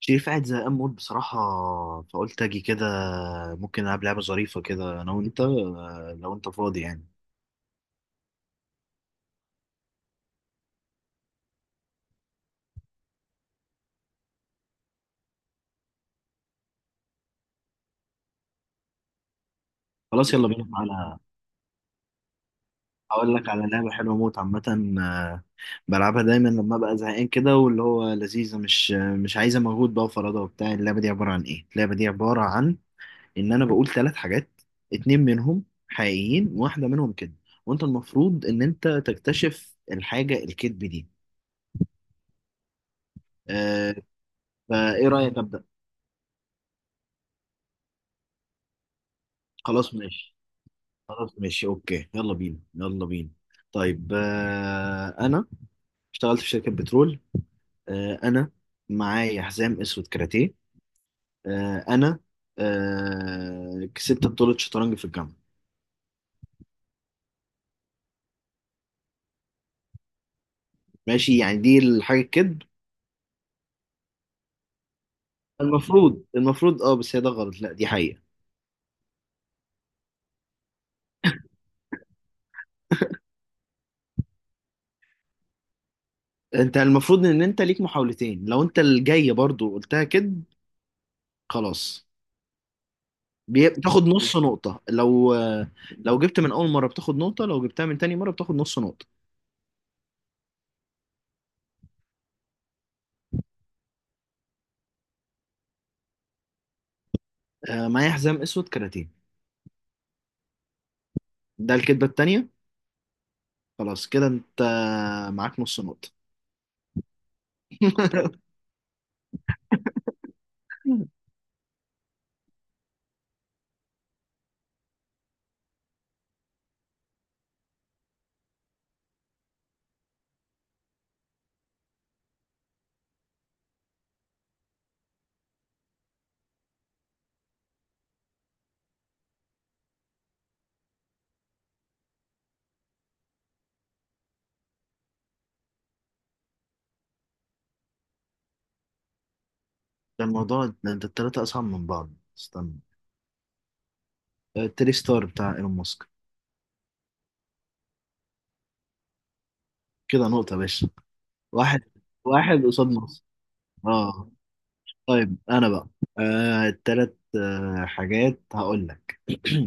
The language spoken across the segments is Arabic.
شريف قاعد زهقان موت بصراحة، فقلت أجي كده. ممكن ألعب لعبة ظريفة كده أنا وأنت، لو أنت فاضي يعني. خلاص يلا بينا. على هقول لك على لعبة حلوة موت. عامة آه، بلعبها دايما لما أبقى زهقان كده، واللي هو لذيذة، مش عايزة مجهود بقى وفرادة وبتاع. اللعبة دي عبارة عن إيه؟ اللعبة دي عبارة عن إن أنا بقول ثلاث حاجات، اتنين منهم حقيقيين وواحدة منهم كده، وأنت المفروض إن أنت تكتشف الحاجة الكذب دي. آه، فإيه رأيك أبدأ؟ خلاص ماشي. خلاص ماشي، اوكي، يلا بينا يلا بينا. طيب، انا اشتغلت في شركة بترول. انا معايا حزام اسود كاراتيه. آه انا آه كسبت بطولة شطرنج في الجامعة. ماشي، يعني دي الحاجة الكذب. المفروض، المفروض، اه، بس هي ده غلط، لا دي حقيقة. انت المفروض ان انت ليك محاولتين، لو انت الجاية برضو قلتها كذب. خلاص. بتاخد نص نقطة لو لو جبت من أول مرة بتاخد نقطة، لو جبتها من تاني مرة بتاخد نص نقطة. معايا حزام أسود كاراتيه. ده الكدبة التانية. خلاص كده، انت معاك نص نقطة. ده الموضوع ده انت التلاتة أصعب من بعض، استنى. تري ستار بتاع ايلون ماسك. كده نقطة يا باشا. واحد، واحد قصاد نص. اه، طيب انا بقى، آه التلات آه حاجات هقول لك.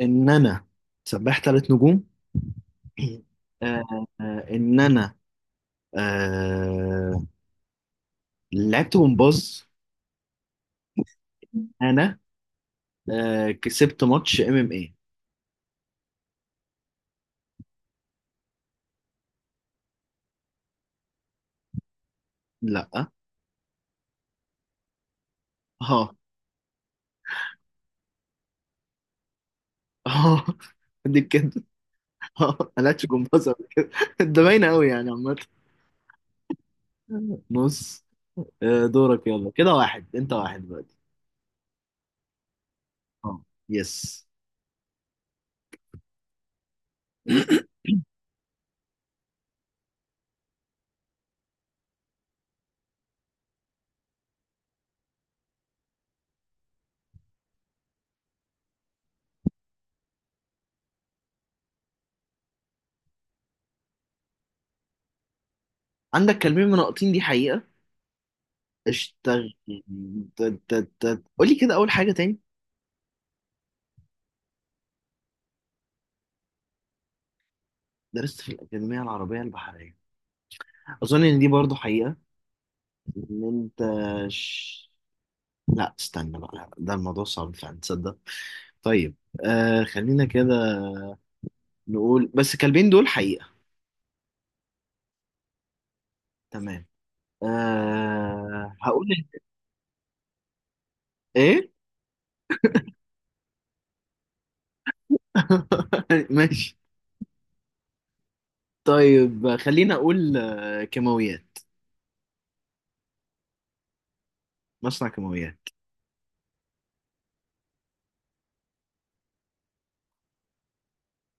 ان انا سباح تلات نجوم. آه ان انا آه لعبت جمباز. انا كسبت ماتش ام ام اي. لا. ها. اه، دي كده. اه، ملهاش جمباز ولا كده. ده باينه قوي يعني، عامه. بص، دورك، يلا كده واحد انت واحد دلوقتي. اه، يس. عندك كلمين مناقضين، دي حقيقه. اشتغل ت- ت- ت- قولي كده اول حاجه تاني. درست في الاكاديميه العربيه البحريه. اظن ان دي برضو حقيقه. ان انت ش... لا استنى بقى، ده الموضوع صعب فعلا، تصدق؟ طيب، آه خلينا كده نقول بس الكلمين دول حقيقه. تمام. أه هقول ايه. ماشي. طيب خلينا اقول كيماويات، مصنع كيماويات.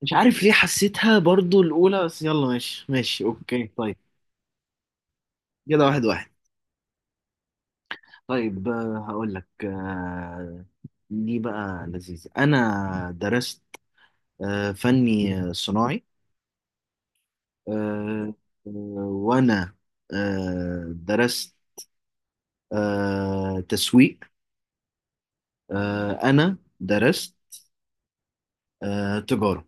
مش عارف ليه حسيتها برضو الاولى، بس يلا ماشي ماشي، اوكي، طيب. كده واحد واحد. طيب، هقول لك، دي بقى لذيذة. انا درست فني صناعي. آه، آه، وانا درست تسويق. انا درست تجارة.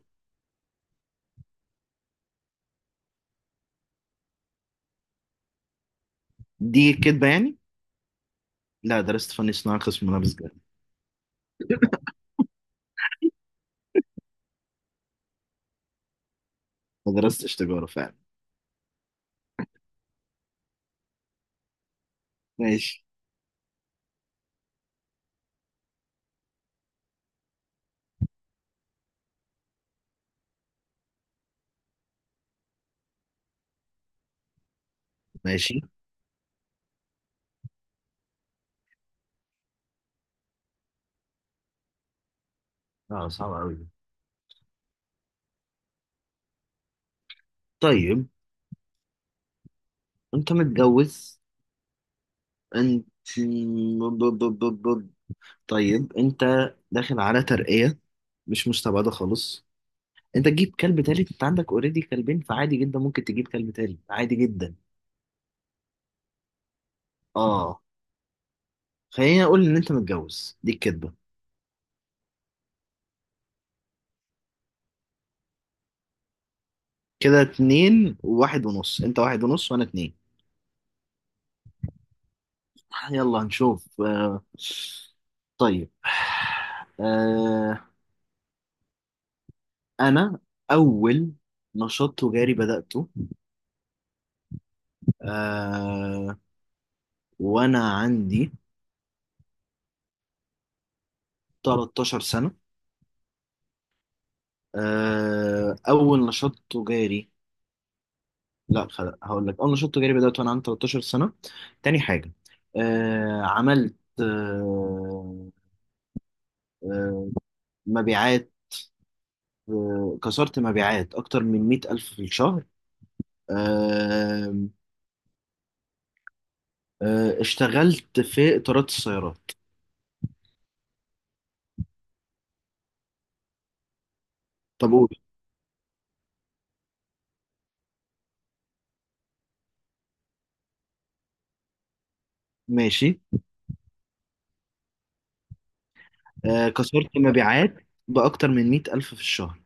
دي كدبة يعني؟ لا درست فني صناعة قسم ملابس جد. ما درستش تجارة فعلا. ماشي ماشي. اه صعب أوي دي. طيب، أنت متجوز. أنت ب- ب- ب- ب- ب- طيب أنت داخل على ترقية، مش مستبعدة خالص. أنت تجيب كلب تالت، أنت عندك أوريدي كلبين، فعادي جدا ممكن تجيب كلب تالت، عادي جدا. اه، خليني أقول إن أنت متجوز دي الكدبة. كده اتنين وواحد ونص، أنت واحد ونص وأنا اتنين. يلا نشوف. طيب، آه، أنا أول نشاط تجاري بدأته آه، وأنا عندي 13 سنة. أول نشاط تجاري. لا خل- هقول لك أول نشاط تجاري بدأته وأنا عندي 13 سنة. تاني حاجة، عملت، آه، مبيعات. كسرت مبيعات أكتر من 100 ألف في الشهر. آه، اشتغلت في إطارات السيارات. طب قول. ماشي. كسرت مبيعات بأكتر من مئة ألف في الشهر.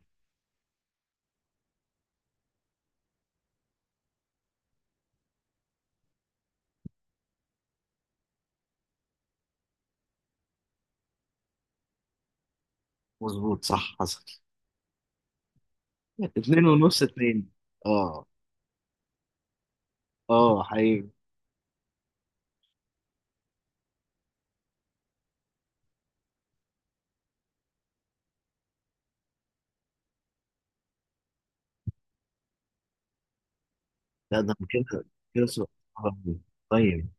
مظبوط، صح، حصل. اتنين ونص اتنين. اه. اه حقيقي. لا ده كده، كده سؤال عظيم. طيب،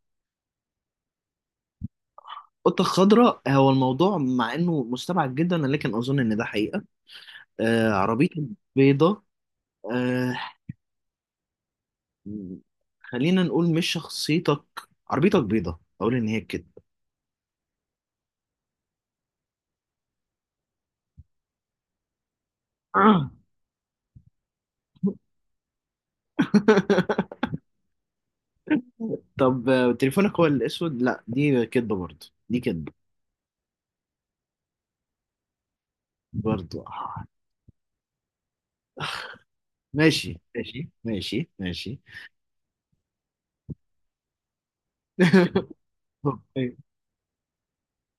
القطة الخضراء هو الموضوع، مع انه مستبعد جدا، لكن اظن ان ده حقيقة. آه، عربيتك بيضة. آه خلينا نقول مش شخصيتك، عربيتك بيضة، اقول ان هي كده. طب، تليفونك هو الاسود، لا دي كدبه برضه، دي كدبه برضه. آه. ماشي ماشي ماشي ماشي. طيب،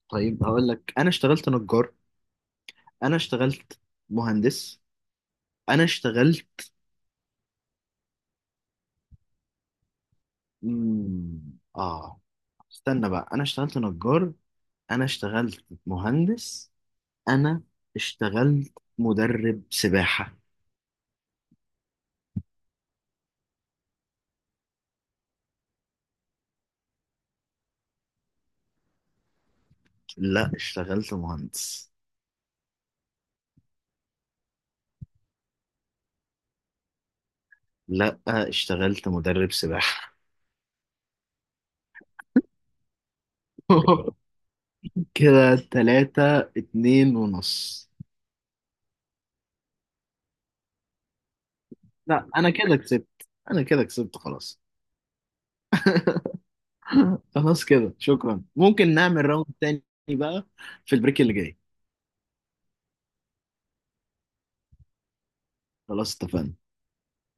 طيب، هقول لك انا اشتغلت نجار. انا اشتغلت مهندس. انا اشتغلت، مم، اه استنى بقى. انا اشتغلت نجار، انا اشتغلت مهندس، انا اشتغلت مدرب سباحة. لا اشتغلت مهندس. لا اشتغلت مدرب سباحة. كده 3-2.5. لا أنا كده كسبت، أنا كده كسبت خلاص. خلاص كده، شكرا. ممكن نعمل راوند تاني بقى في البريك اللي جاي. خلاص اتفقنا.